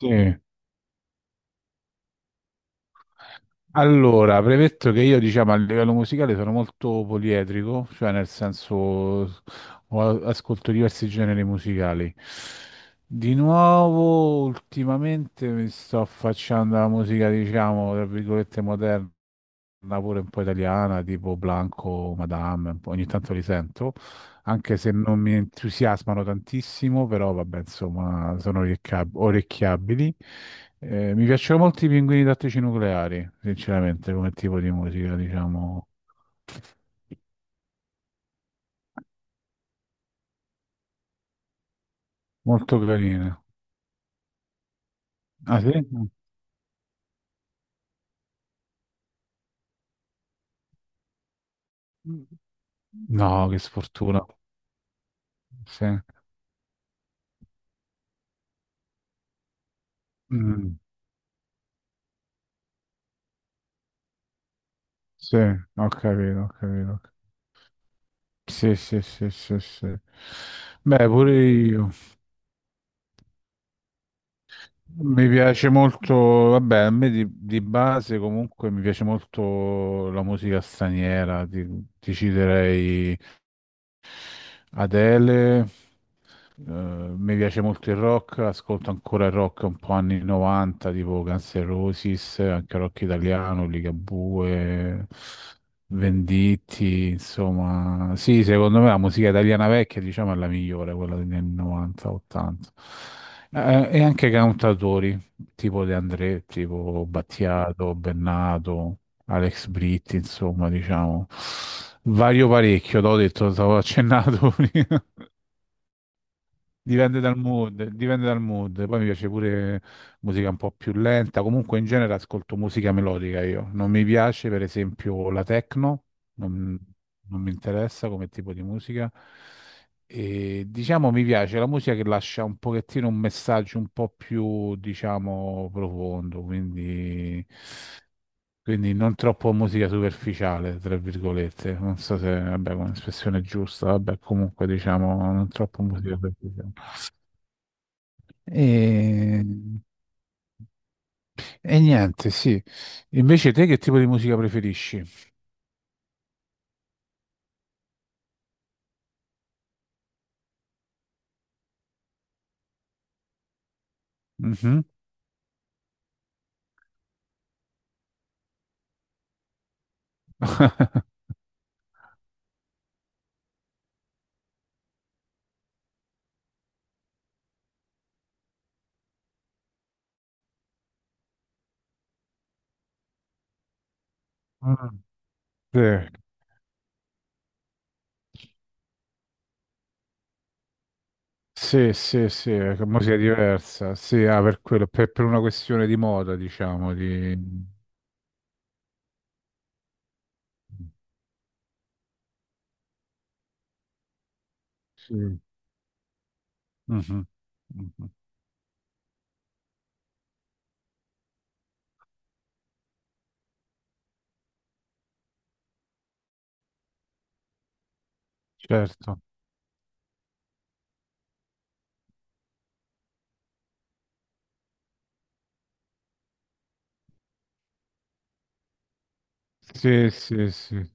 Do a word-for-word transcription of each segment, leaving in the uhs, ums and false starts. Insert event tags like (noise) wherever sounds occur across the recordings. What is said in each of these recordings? Sì. Allora, premetto che io, diciamo, a livello musicale sono molto poliedrico, cioè nel senso ho- ascolto diversi generi musicali. Di nuovo, ultimamente mi sto affacciando alla musica, diciamo, tra virgolette moderna, pure un po' italiana, tipo Blanco, Madame, un po', ogni tanto li sento. Anche se non mi entusiasmano tantissimo, però vabbè, insomma, sono orecchia- orecchiabili. Eh, mi piacciono molto i pinguini tattici nucleari, sinceramente, come tipo di musica, diciamo, molto carina. Ah, sì? No, che sfortuna. Sì. Mm, sì, ho capito, ho capito. Sì, sì, sì, sì, sì. Beh, pure io. Mi piace molto, vabbè, a me di, di base comunque mi piace molto la musica straniera, ti, ti citerei Adele, eh, mi piace molto il rock, ascolto ancora il rock un po' anni novanta, tipo Guns N' Roses, anche rock italiano, Ligabue, Venditti, insomma. Sì, secondo me la musica italiana vecchia, diciamo, è la migliore, quella degli anni novanta, ottanta. Eh, e anche cantautori, tipo De André, tipo Battiato, Bennato. Alex Britti, insomma, diciamo, vario parecchio, l'ho detto, stavo accennato (laughs) prima. Dipende dal mood, dipende dal mood. Poi mi piace pure musica un po' più lenta. Comunque in genere ascolto musica melodica io. Non mi piace, per esempio, la techno, non, non mi interessa come tipo di musica. E diciamo mi piace la musica che lascia un pochettino un messaggio un po' più, diciamo, profondo, quindi quindi non troppo musica superficiale, tra virgolette. Non so se, vabbè, è un'espressione giusta, vabbè, comunque diciamo non troppo musica superficiale. E, e niente, sì. Invece te che tipo di musica preferisci? Mhm. (laughs) Mm, sì, sì, sì, sì, che musica diversa. Sì, ah, per quello, per, per una questione di moda, diciamo, di... Sì. Mhm, mhm. Certo. Sì, sì, sì.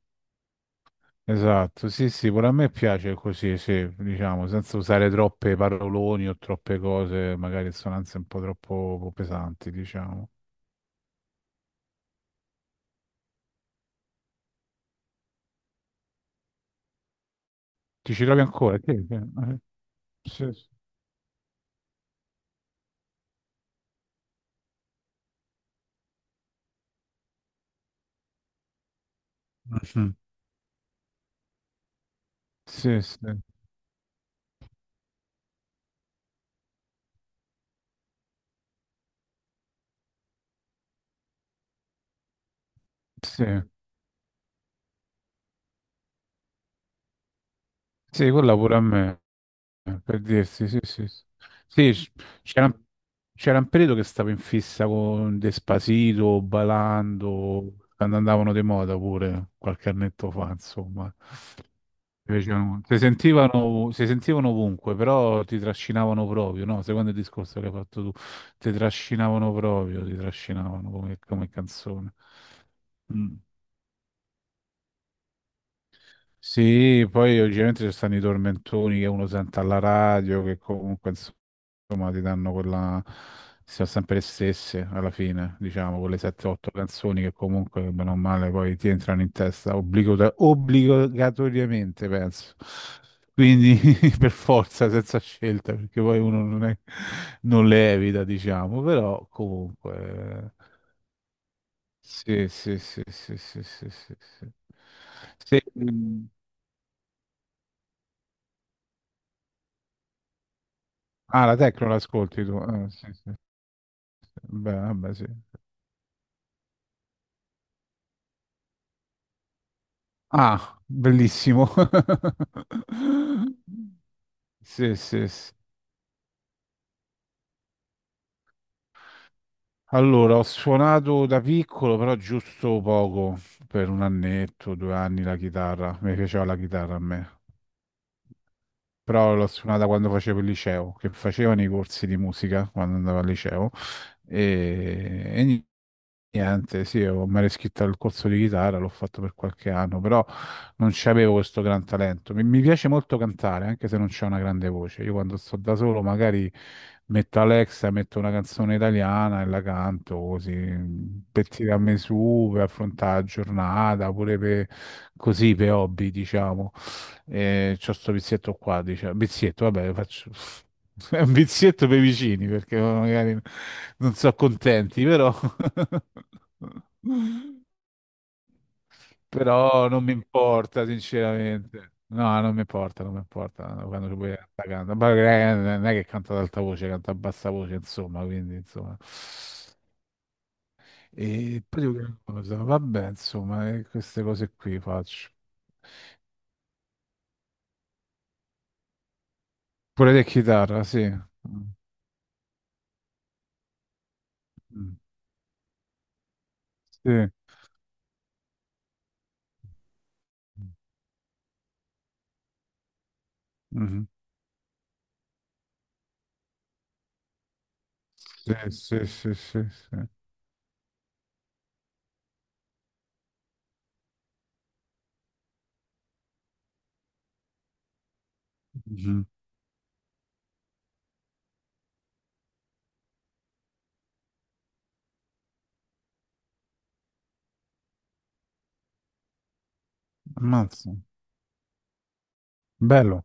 Esatto, sì, sì, pure a me piace così, sì, diciamo, senza usare troppe paroloni o troppe cose, magari sonanze un po' troppo pesanti, diciamo. Ti ci trovi ancora? Sì, sì, eh, sì, sì. Mhm. Sì, sì, sì, sì, quella pure a me, per dirsi, sì, sì. Sì, sì, c- c'era un c'era un periodo che stavo in fissa con Despacito, Balando, quando andavano di moda pure, qualche annetto fa, insomma. Mi piacevano molto. Si sentivano, si sentivano ovunque, però ti trascinavano proprio, no? Secondo il discorso che hai fatto tu, ti trascinavano proprio, ti trascinavano come, come canzone. Mm. Sì, poi ovviamente ci stanno i tormentoni che uno sente alla radio, che comunque insomma, ti danno quella... Sono sempre le stesse alla fine, diciamo, quelle sette otto canzoni che comunque, bene o male, poi ti entrano in testa obbligata- obbligatoriamente, penso. Quindi (laughs) per forza, senza scelta, perché poi uno non è, non le evita, diciamo, però comunque... Sì, sì, sì, sì, sì, sì, sì, sì. Se- mm, ah, la Tecno l'ascolti tu? Ah, sì, sì, sì. Beh, vabbè, sì. Ah, bellissimo. (laughs) Sì, sì, sì. Allora, ho suonato da piccolo, però giusto poco, per un annetto, due anni la chitarra. Mi piaceva la chitarra a me. Però l'ho suonata quando facevo il liceo, che facevano i corsi di musica quando andavo al liceo e, e ni- niente, sì, ho- mi ero iscritto al corso di chitarra, l'ho fatto per qualche anno, però non c'avevo questo gran talento. Mi, mi piace molto cantare, anche se non c'è una grande voce. Io quando sto da solo magari metto Alexa, metto una canzone italiana e la canto così, petti da me su per affrontare la giornata, pure per, così per hobby, diciamo. E c'ho sto vizietto qua, dice, vizietto, vabbè, faccio (laughs) è un vizietto per i vicini perché magari non sono contenti, però (laughs) però non mi importa, sinceramente. No, non mi importa, non mi importa quando ci puoi cantare. Ma eh, non è che canta ad alta voce, canta a bassa voce, insomma, quindi insomma. E poi dico, che cosa? Vabbè, insomma, eh, queste cose qui faccio. Pure te chitarra, sì. Mm, mm, sì. Mhm. Sì, sì, sì, sì, sì. Mhm. Ammazza. Bello.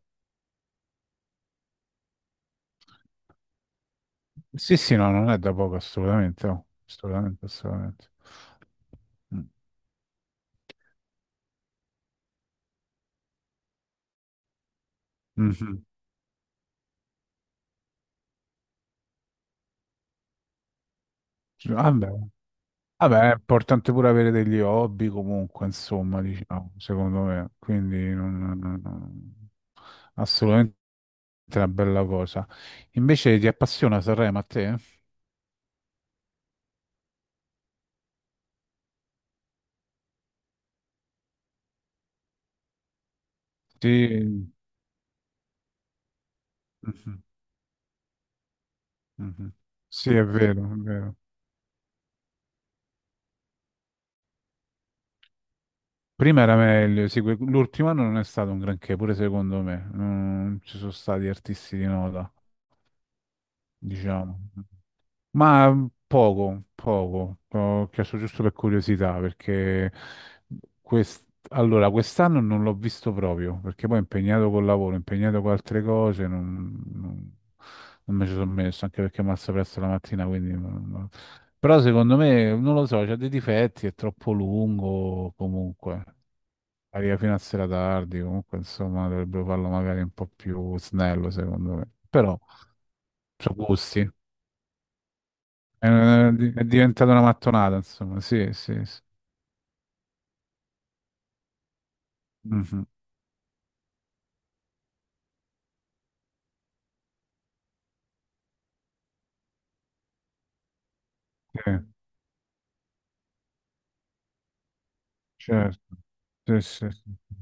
Sì, sì, no, non è da poco, assolutamente. Oh. Assolutamente, assolutamente. Mm. Mhm. Vabbè. Vabbè, è importante pure avere degli hobby comunque, insomma, diciamo, secondo me. Quindi non- non- non- assolutamente una bella cosa. Invece ti appassiona Sanremo a te? Sì. Mhm, mhm. Sì, è vero, è vero. Prima era meglio, sì, que- l'ultimo anno non è stato un granché, pure secondo me. Non ci sono stati artisti di nota diciamo. Ma mm, poco, poco. Ho chiesto giusto per curiosità, perché quest- allora, quest'anno non l'ho visto proprio, perché poi impegnato col lavoro, impegnato con altre cose, non, non- non me ci sono messo, anche perché mi alzo presto la mattina, quindi... non- non- Però secondo me, non lo so, c'ha dei difetti, è troppo lungo comunque. Arriva fino a sera tardi, comunque insomma dovrebbero farlo magari un po' più snello, secondo me. Però, sono gusti. È, una- è diventata una mattonata, insomma, sì, sì, sì. Mhm. Sì, certo. Sì, sì, sì.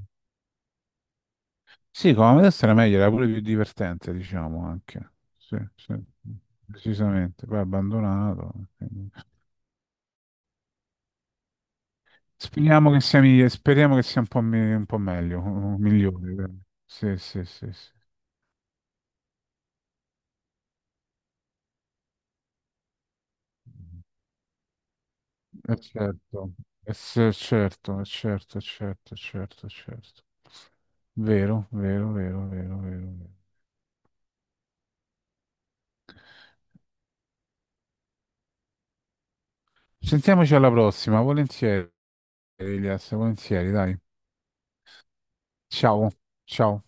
Sì, come adesso era meglio, era pure più divertente, diciamo, anche. Sì, sì. Decisamente. Poi abbandonato, quindi. Speriamo che sia, migli- speriamo che sia un po', mi- un po' meglio, un- migliore. Dai. Sì, sì, sì, sì. Eh, certo, eh, sì, certo, eh, certo, eh, certo, eh, certo, eh, certo. Vero, vero, vero, vero, vero, vero. Sentiamoci alla prossima, volentieri. Elias, volentieri, dai. Ciao, ciao.